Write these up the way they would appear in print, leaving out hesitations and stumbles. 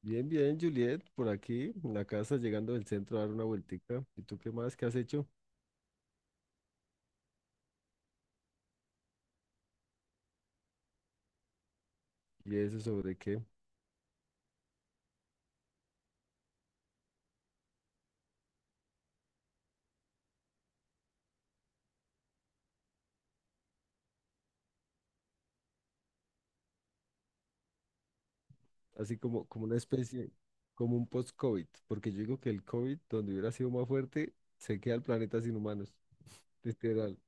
Bien, bien, Juliet, por aquí, en la casa, llegando del centro a dar una vueltica. ¿Y tú qué más? ¿Qué has hecho? ¿Y eso sobre qué? Así como, como una especie, como un post-COVID, porque yo digo que el COVID, donde hubiera sido más fuerte, se queda el planeta sin humanos, literal.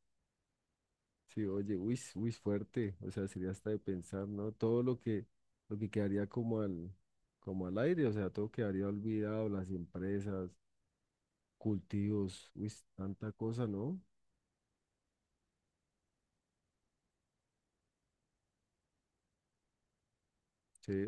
Sí, oye, uy, uy, fuerte, o sea, sería hasta de pensar, ¿no? Lo que quedaría como al aire, o sea, todo quedaría olvidado, las empresas, cultivos, uy, s- tanta cosa, ¿no? Sí,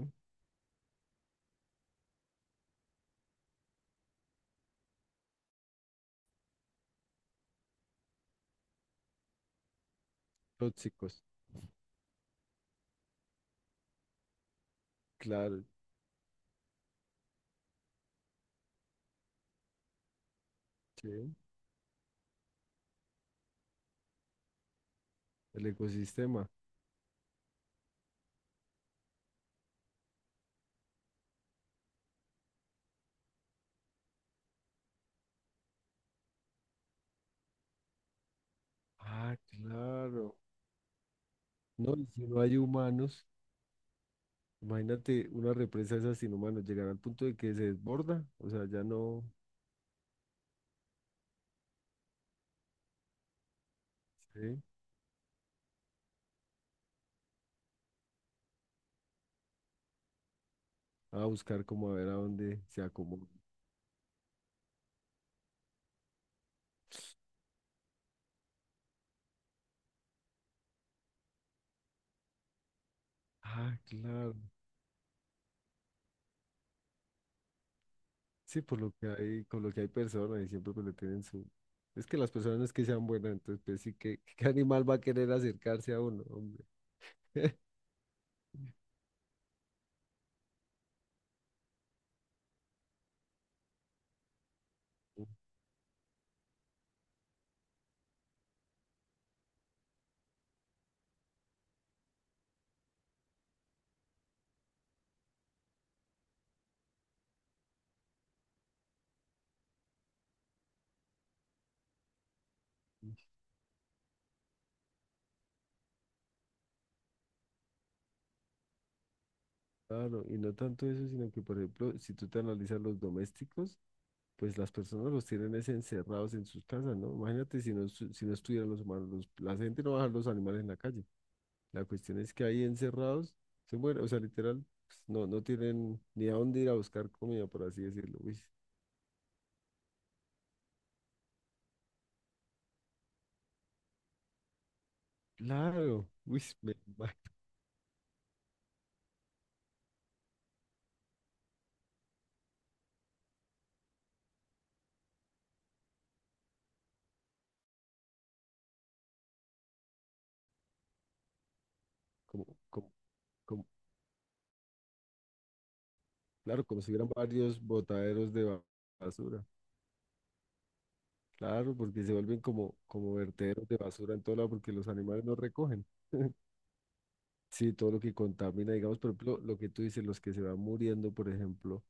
tóxicos. Claro. Sí. El ecosistema. Ah, claro. No, y si no hay humanos, imagínate una represa de esas sin humanos, llegar al punto de que se desborda, o sea, ya no, ¿sí? A buscar como a ver a dónde se acomoda. Ah, claro. Sí, por lo que hay, con lo que hay personas y siempre pues le tienen su... Es que las personas no es que sean buenas, entonces pues sí, qué animal va a querer acercarse a uno, hombre? Ujú. Claro, y no tanto eso, sino que por ejemplo, si tú te analizas los domésticos, pues las personas los tienen es encerrados en sus casas, ¿no? Imagínate si no, si no estuvieran los humanos, la gente no va a dejar los animales en la calle. La cuestión es que ahí encerrados se mueren, o sea, literal, pues, no, no tienen ni a dónde ir a buscar comida, por así decirlo. Uy, claro, uy, me imagino, como, como, como- claro, como si hubieran varios botaderos de basura. Claro, porque se vuelven como, como vertederos de basura en todo lado porque los animales no recogen. Sí, todo lo que contamina, digamos, por ejemplo, lo que tú dices, los que se van muriendo, por ejemplo,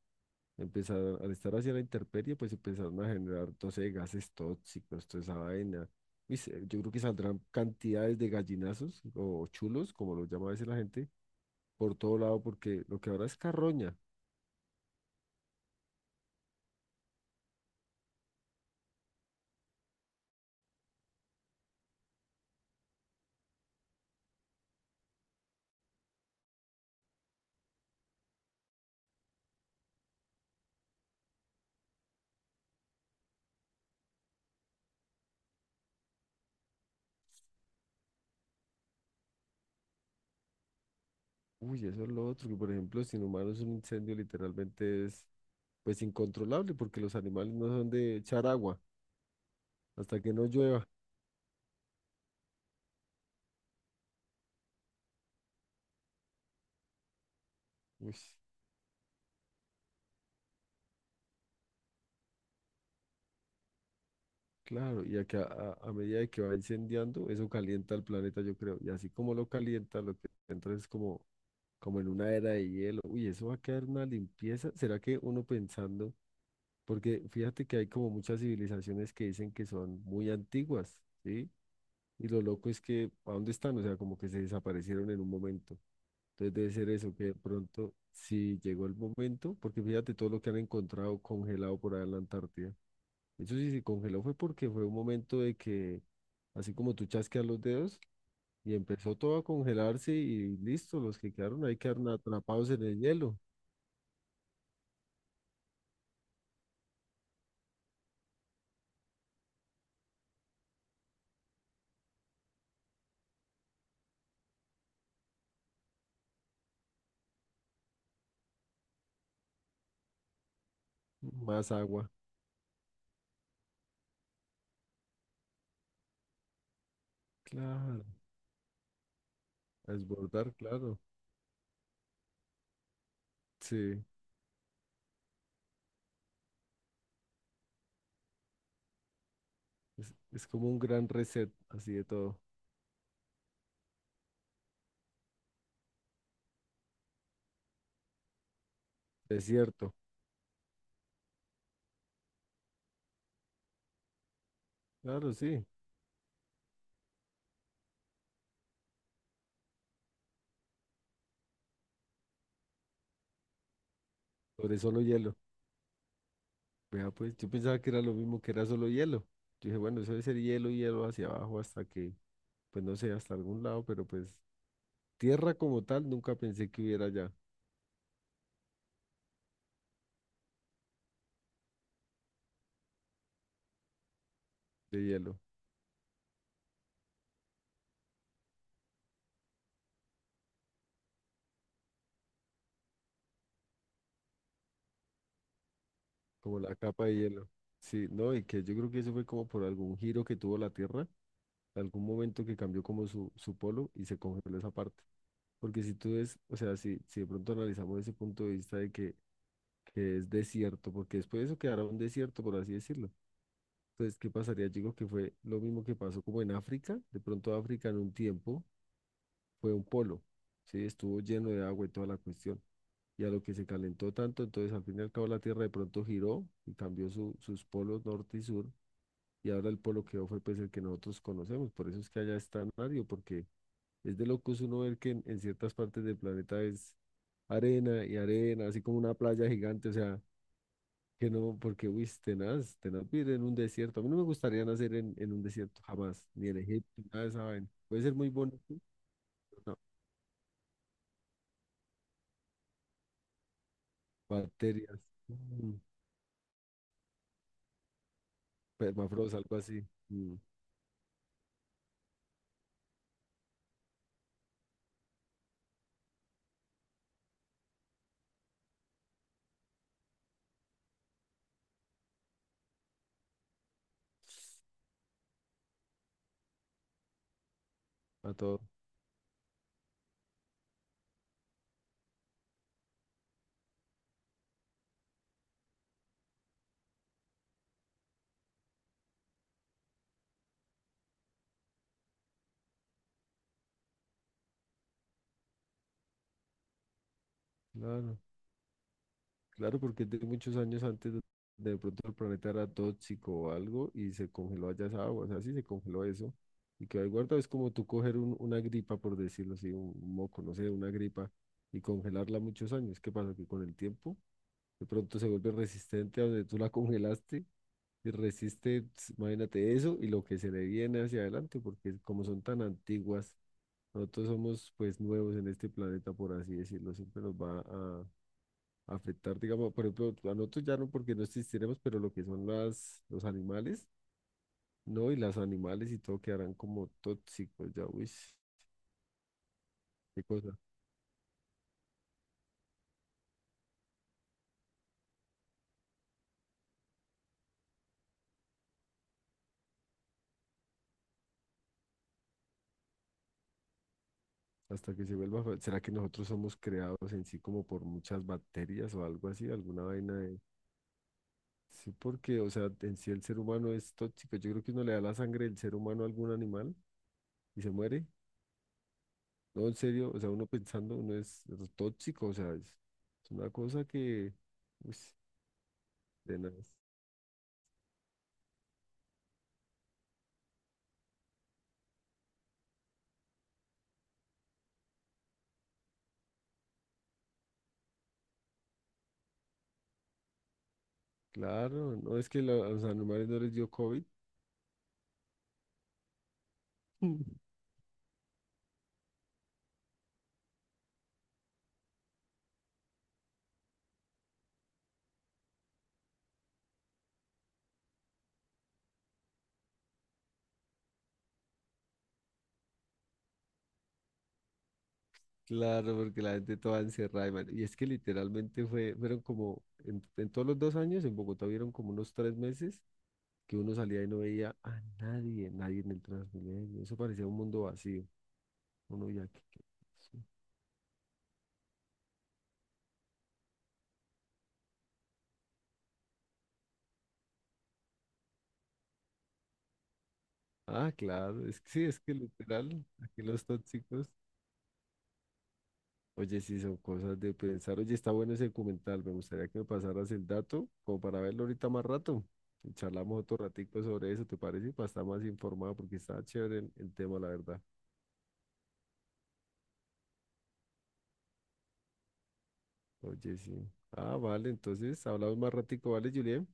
empezaron, al estar hacia la intemperie, pues empezaron a generar, no sé, gases tóxicos, toda esa vaina. Y se- yo creo que saldrán cantidades de gallinazos o chulos, como lo llama a veces la gente, por todo lado, porque lo que ahora es carroña. Uy, eso es lo otro, que por ejemplo, sin humanos un incendio literalmente es, pues, incontrolable, porque los animales no son de echar agua hasta que no llueva. Uy. Claro, a medida de que va incendiando, eso calienta el planeta, yo creo. Y así como lo calienta, lo que entra es como en una era de hielo. Uy, eso va a quedar una limpieza. ¿Será que uno pensando? Porque fíjate que hay como muchas civilizaciones que dicen que son muy antiguas, ¿sí? Y lo loco es que, ¿a dónde están? O sea, como que se desaparecieron en un momento. Entonces debe ser eso, que de pronto, si llegó el momento, porque fíjate todo lo que han encontrado congelado por allá en la Antártida. Eso sí se congeló fue porque fue un momento de que, así como tú chasqueas los dedos, y empezó todo a congelarse y listo, los que quedaron ahí quedaron atrapados en el hielo. Más agua, claro, a desbordar, claro. Sí, es como un gran reset, así de todo. Desierto, claro, sí, sobre solo hielo. Vea, pues yo pensaba que era lo mismo, que era solo hielo. Yo dije, bueno, eso debe ser hielo, hielo hacia abajo hasta que, pues no sé, hasta algún lado, pero pues tierra como tal nunca pensé que hubiera ya de hielo. Como la capa de hielo. Sí, no, y que yo creo que eso fue como por algún giro que tuvo la Tierra, algún momento que cambió como su polo y se congeló esa parte. Porque si tú ves, o sea, si de pronto analizamos ese punto de vista de que es desierto, porque después de eso quedará un desierto, por así decirlo. Entonces, ¿qué pasaría? Yo digo que fue lo mismo que pasó como en África. De pronto África en un tiempo fue un polo, ¿sí? Estuvo lleno de agua y toda la cuestión. Y a lo que se calentó tanto, entonces al fin y al cabo la Tierra de pronto giró y cambió sus polos norte y sur y ahora el polo que fue pues el que nosotros conocemos, por eso es que allá está Mario, porque es de locos uno ver que en ciertas partes del planeta es arena y arena, así como una playa gigante, o sea, que no, porque uy, es tenaz, tenaz vivir en un desierto, a mí no me gustaría nacer en un desierto jamás, ni en Egipto, nada de esa vaina, puede ser muy bonito, pero no, bacterias, mm, permafrost, algo así, mm, a todo, claro. Claro, porque de muchos años antes de pronto el planeta era tóxico o algo y se congeló allá esa agua, o sea, sí se congeló eso y quedó ahí guardado. Es como tú coger una gripa, por decirlo así, un moco, no sé, una gripa y congelarla muchos años. ¿Qué pasa? Que con el tiempo de pronto se vuelve resistente a donde tú la congelaste y resiste, ps, imagínate eso y lo que se le viene hacia adelante, porque como son tan antiguas, nosotros somos pues nuevos en este planeta, por así decirlo, siempre nos va a afectar, digamos, por ejemplo, a nosotros ya no porque no existiremos, pero lo que son los animales, ¿no? Y las animales y todo quedarán como tóxicos, ya, uy, qué cosa, hasta que se vuelva, fa- ¿será que nosotros somos creados en sí como por muchas bacterias o algo así, alguna vaina de... Sí, porque, o sea, en sí el ser humano es tóxico, yo creo que uno le da la sangre del ser humano a algún animal y se muere, no, en serio, o sea, uno pensando, uno es tóxico, o sea, es una cosa que, uy, tenaz. Claro, no es que a los animales no les dio COVID. Mm. Claro, porque la gente toda encerrada. Y y es que literalmente fueron como, en todos los 2 años en Bogotá vieron como unos 3 meses que uno salía y no veía a nadie, nadie en el Transmilenio. Eso parecía un mundo vacío. Uno ya que- sí. Ah, claro, es que sí, es que literal, aquí los tóxicos. Oye, sí, son cosas de pensar. Oye, está bueno ese documental. Me gustaría que me pasaras el dato como para verlo ahorita más rato. Y charlamos otro ratico sobre eso, ¿te parece? Para estar más informado porque está chévere el tema, la verdad. Oye, sí. Ah, vale, entonces hablamos más ratico, ¿vale, Julián?